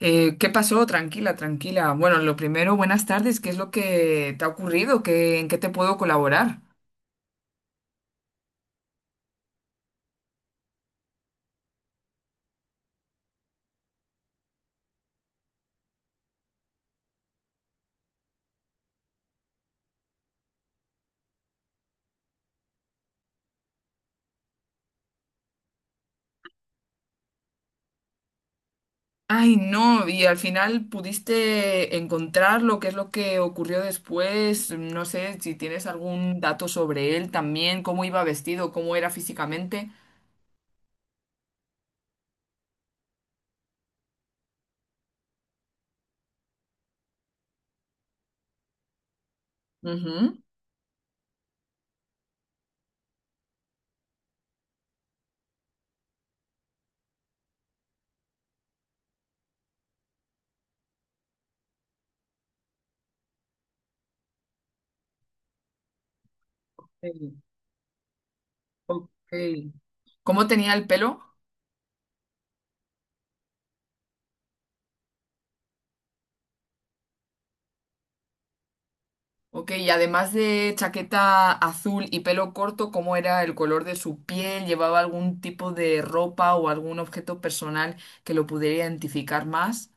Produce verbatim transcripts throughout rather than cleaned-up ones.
Eh, ¿qué pasó? Tranquila, tranquila. Bueno, lo primero, buenas tardes. ¿Qué es lo que te ha ocurrido? ¿Qué, en qué te puedo colaborar? Ay, no, y al final pudiste encontrarlo, ¿qué es lo que ocurrió después? No sé si tienes algún dato sobre él también, cómo iba vestido, cómo era físicamente. Ujú. Sí. Ok. ¿Cómo tenía el pelo? Ok, y además de chaqueta azul y pelo corto, ¿cómo era el color de su piel? ¿Llevaba algún tipo de ropa o algún objeto personal que lo pudiera identificar más?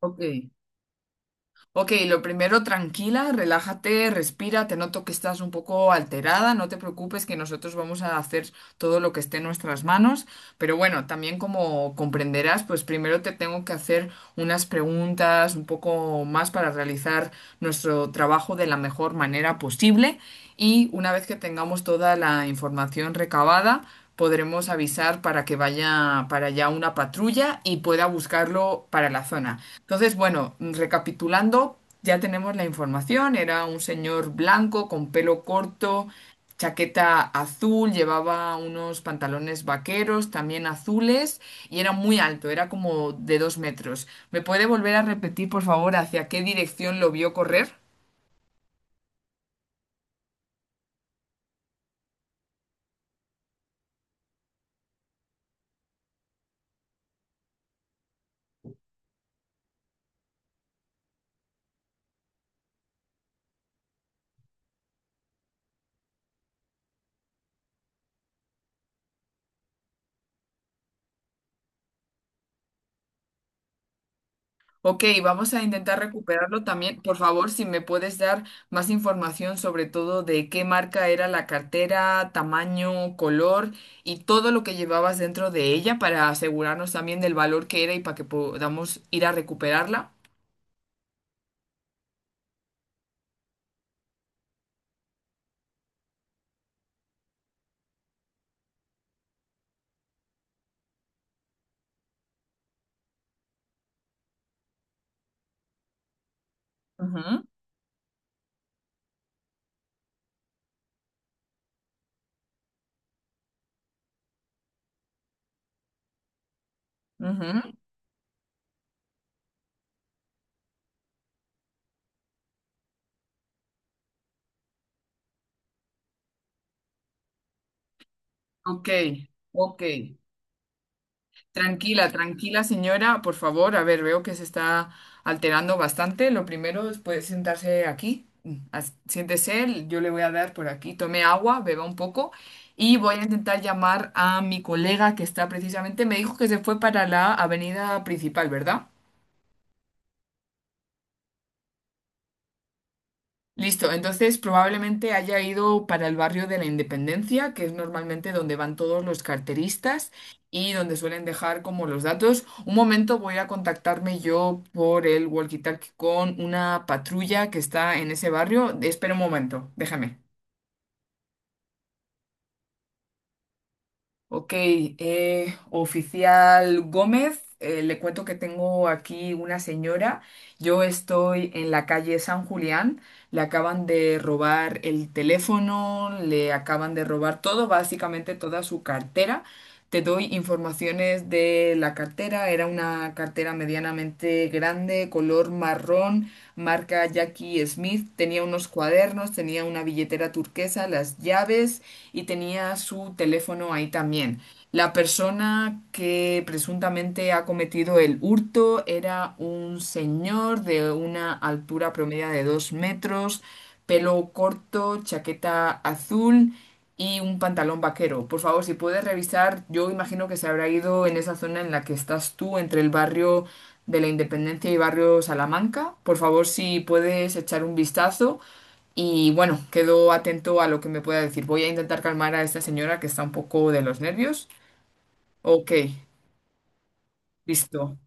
Ok. Ok, lo primero, tranquila, relájate, respira, te noto que estás un poco alterada, no te preocupes que nosotros vamos a hacer todo lo que esté en nuestras manos, pero bueno, también como comprenderás, pues primero te tengo que hacer unas preguntas un poco más para realizar nuestro trabajo de la mejor manera posible y una vez que tengamos toda la información recabada, podremos avisar para que vaya para allá una patrulla y pueda buscarlo para la zona. Entonces, bueno, recapitulando, ya tenemos la información. Era un señor blanco con pelo corto, chaqueta azul, llevaba unos pantalones vaqueros también azules y era muy alto, era como de dos metros. ¿Me puede volver a repetir, por favor, hacia qué dirección lo vio correr? Ok, vamos a intentar recuperarlo también. Por favor, si me puedes dar más información sobre todo de qué marca era la cartera, tamaño, color y todo lo que llevabas dentro de ella para asegurarnos también del valor que era y para que podamos ir a recuperarla. Ujú, ujú. Ok, ok. Tranquila, tranquila, señora, por favor. A ver, veo que se está alterando bastante. Lo primero es puede sentarse aquí. Mm, as- Siéntese, yo le voy a dar por aquí. Tome agua, beba un poco y voy a intentar llamar a mi colega que está precisamente, me dijo que se fue para la avenida principal, ¿verdad? Listo, entonces probablemente haya ido para el barrio de la Independencia, que es normalmente donde van todos los carteristas y donde suelen dejar como los datos. Un momento, voy a contactarme yo por el walkie-talkie con una patrulla que está en ese barrio. Espera un momento, déjame. Ok, eh, oficial Gómez, eh, le cuento que tengo aquí una señora. Yo estoy en la calle San Julián. Le acaban de robar el teléfono, le acaban de robar todo, básicamente toda su cartera. Te doy informaciones de la cartera. Era una cartera medianamente grande, color marrón, marca Jackie Smith. Tenía unos cuadernos, tenía una billetera turquesa, las llaves y tenía su teléfono ahí también. La persona que presuntamente ha cometido el hurto era un señor de una altura promedia de dos metros, pelo corto, chaqueta azul y un pantalón vaquero. Por favor, si puedes revisar, yo imagino que se habrá ido en esa zona en la que estás tú, entre el barrio de la Independencia y barrio Salamanca. Por favor, si puedes echar un vistazo y bueno, quedo atento a lo que me pueda decir. Voy a intentar calmar a esta señora que está un poco de los nervios. Ok, listo.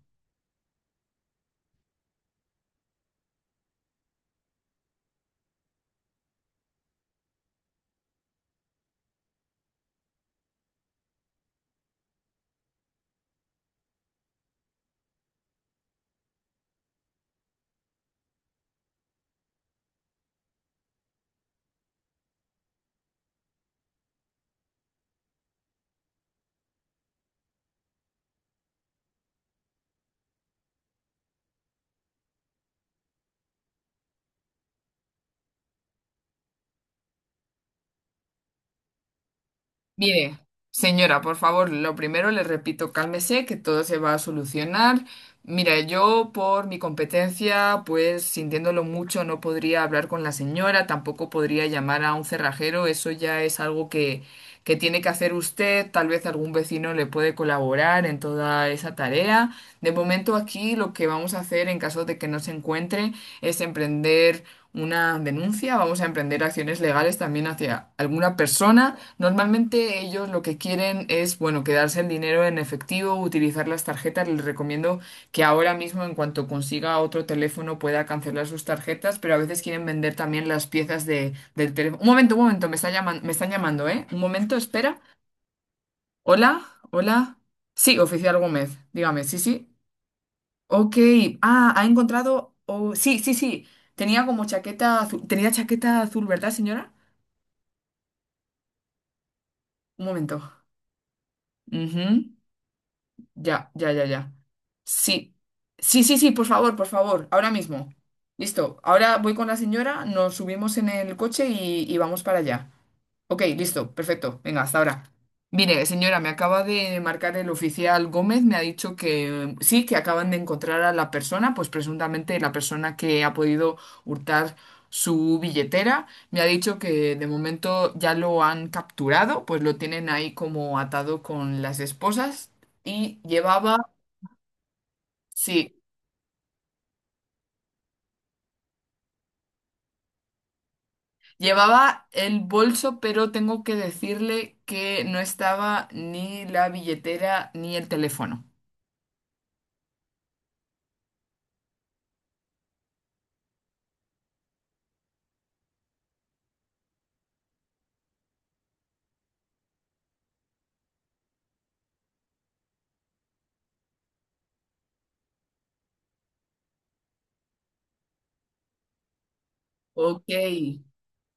Mire, señora, por favor, lo primero le repito, cálmese, que todo se va a solucionar. Mira, yo por mi competencia, pues sintiéndolo mucho, no podría hablar con la señora, tampoco podría llamar a un cerrajero, eso ya es algo que, que tiene que hacer usted, tal vez algún vecino le puede colaborar en toda esa tarea. De momento aquí lo que vamos a hacer en caso de que no se encuentre es emprender una denuncia, vamos a emprender acciones legales también hacia alguna persona. Normalmente ellos lo que quieren es, bueno, quedarse el dinero en efectivo, utilizar las tarjetas. Les recomiendo que ahora mismo, en cuanto consiga otro teléfono, pueda cancelar sus tarjetas, pero a veces quieren vender también las piezas de, del teléfono. Un momento, un momento, me está llaman- me están llamando, ¿eh? Un momento, espera. Hola, hola. Sí, oficial Gómez, dígame, sí, sí. Ok, ah, ha encontrado. Oh, sí, sí, sí. Tenía como chaqueta azul. Tenía chaqueta azul, ¿verdad, señora? Un momento. Ujú. Ya, ya, ya, ya. Sí. Sí, sí, sí, por favor, por favor. Ahora mismo. Listo. Ahora voy con la señora, nos subimos en el coche y, y vamos para allá. Ok, listo, perfecto. Venga, hasta ahora. Mire, señora, me acaba de marcar el oficial Gómez, me ha dicho que sí, que acaban de encontrar a la persona, pues presuntamente la persona que ha podido hurtar su billetera. Me ha dicho que de momento ya lo han capturado, pues lo tienen ahí como atado con las esposas y llevaba, sí, llevaba el bolso, pero tengo que decirle que no estaba ni la billetera ni el teléfono. Ok.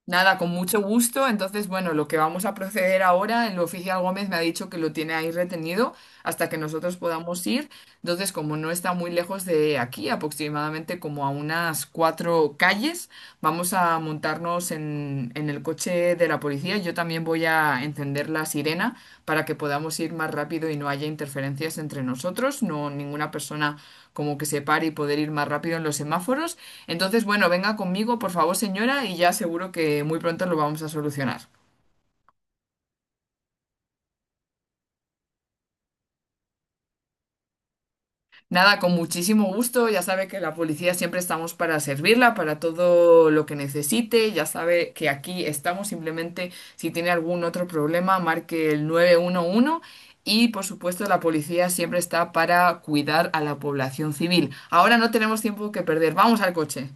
Nada, con mucho gusto. Entonces, bueno, lo que vamos a proceder ahora, el oficial Gómez me ha dicho que lo tiene ahí retenido hasta que nosotros podamos ir. Entonces, como no está muy lejos de aquí, aproximadamente como a unas cuatro calles, vamos a montarnos en, en el coche de la policía. Yo también voy a encender la sirena para que podamos ir más rápido y no haya interferencias entre nosotros, no ninguna persona como que se pare y poder ir más rápido en los semáforos. Entonces, bueno, venga conmigo, por favor, señora, y ya seguro que muy pronto lo vamos a solucionar. Nada, con muchísimo gusto, ya sabe que la policía siempre estamos para servirla, para todo lo que necesite, ya sabe que aquí estamos, simplemente si tiene algún otro problema, marque el nueve uno uno y por supuesto la policía siempre está para cuidar a la población civil. Ahora no tenemos tiempo que perder, vamos al coche.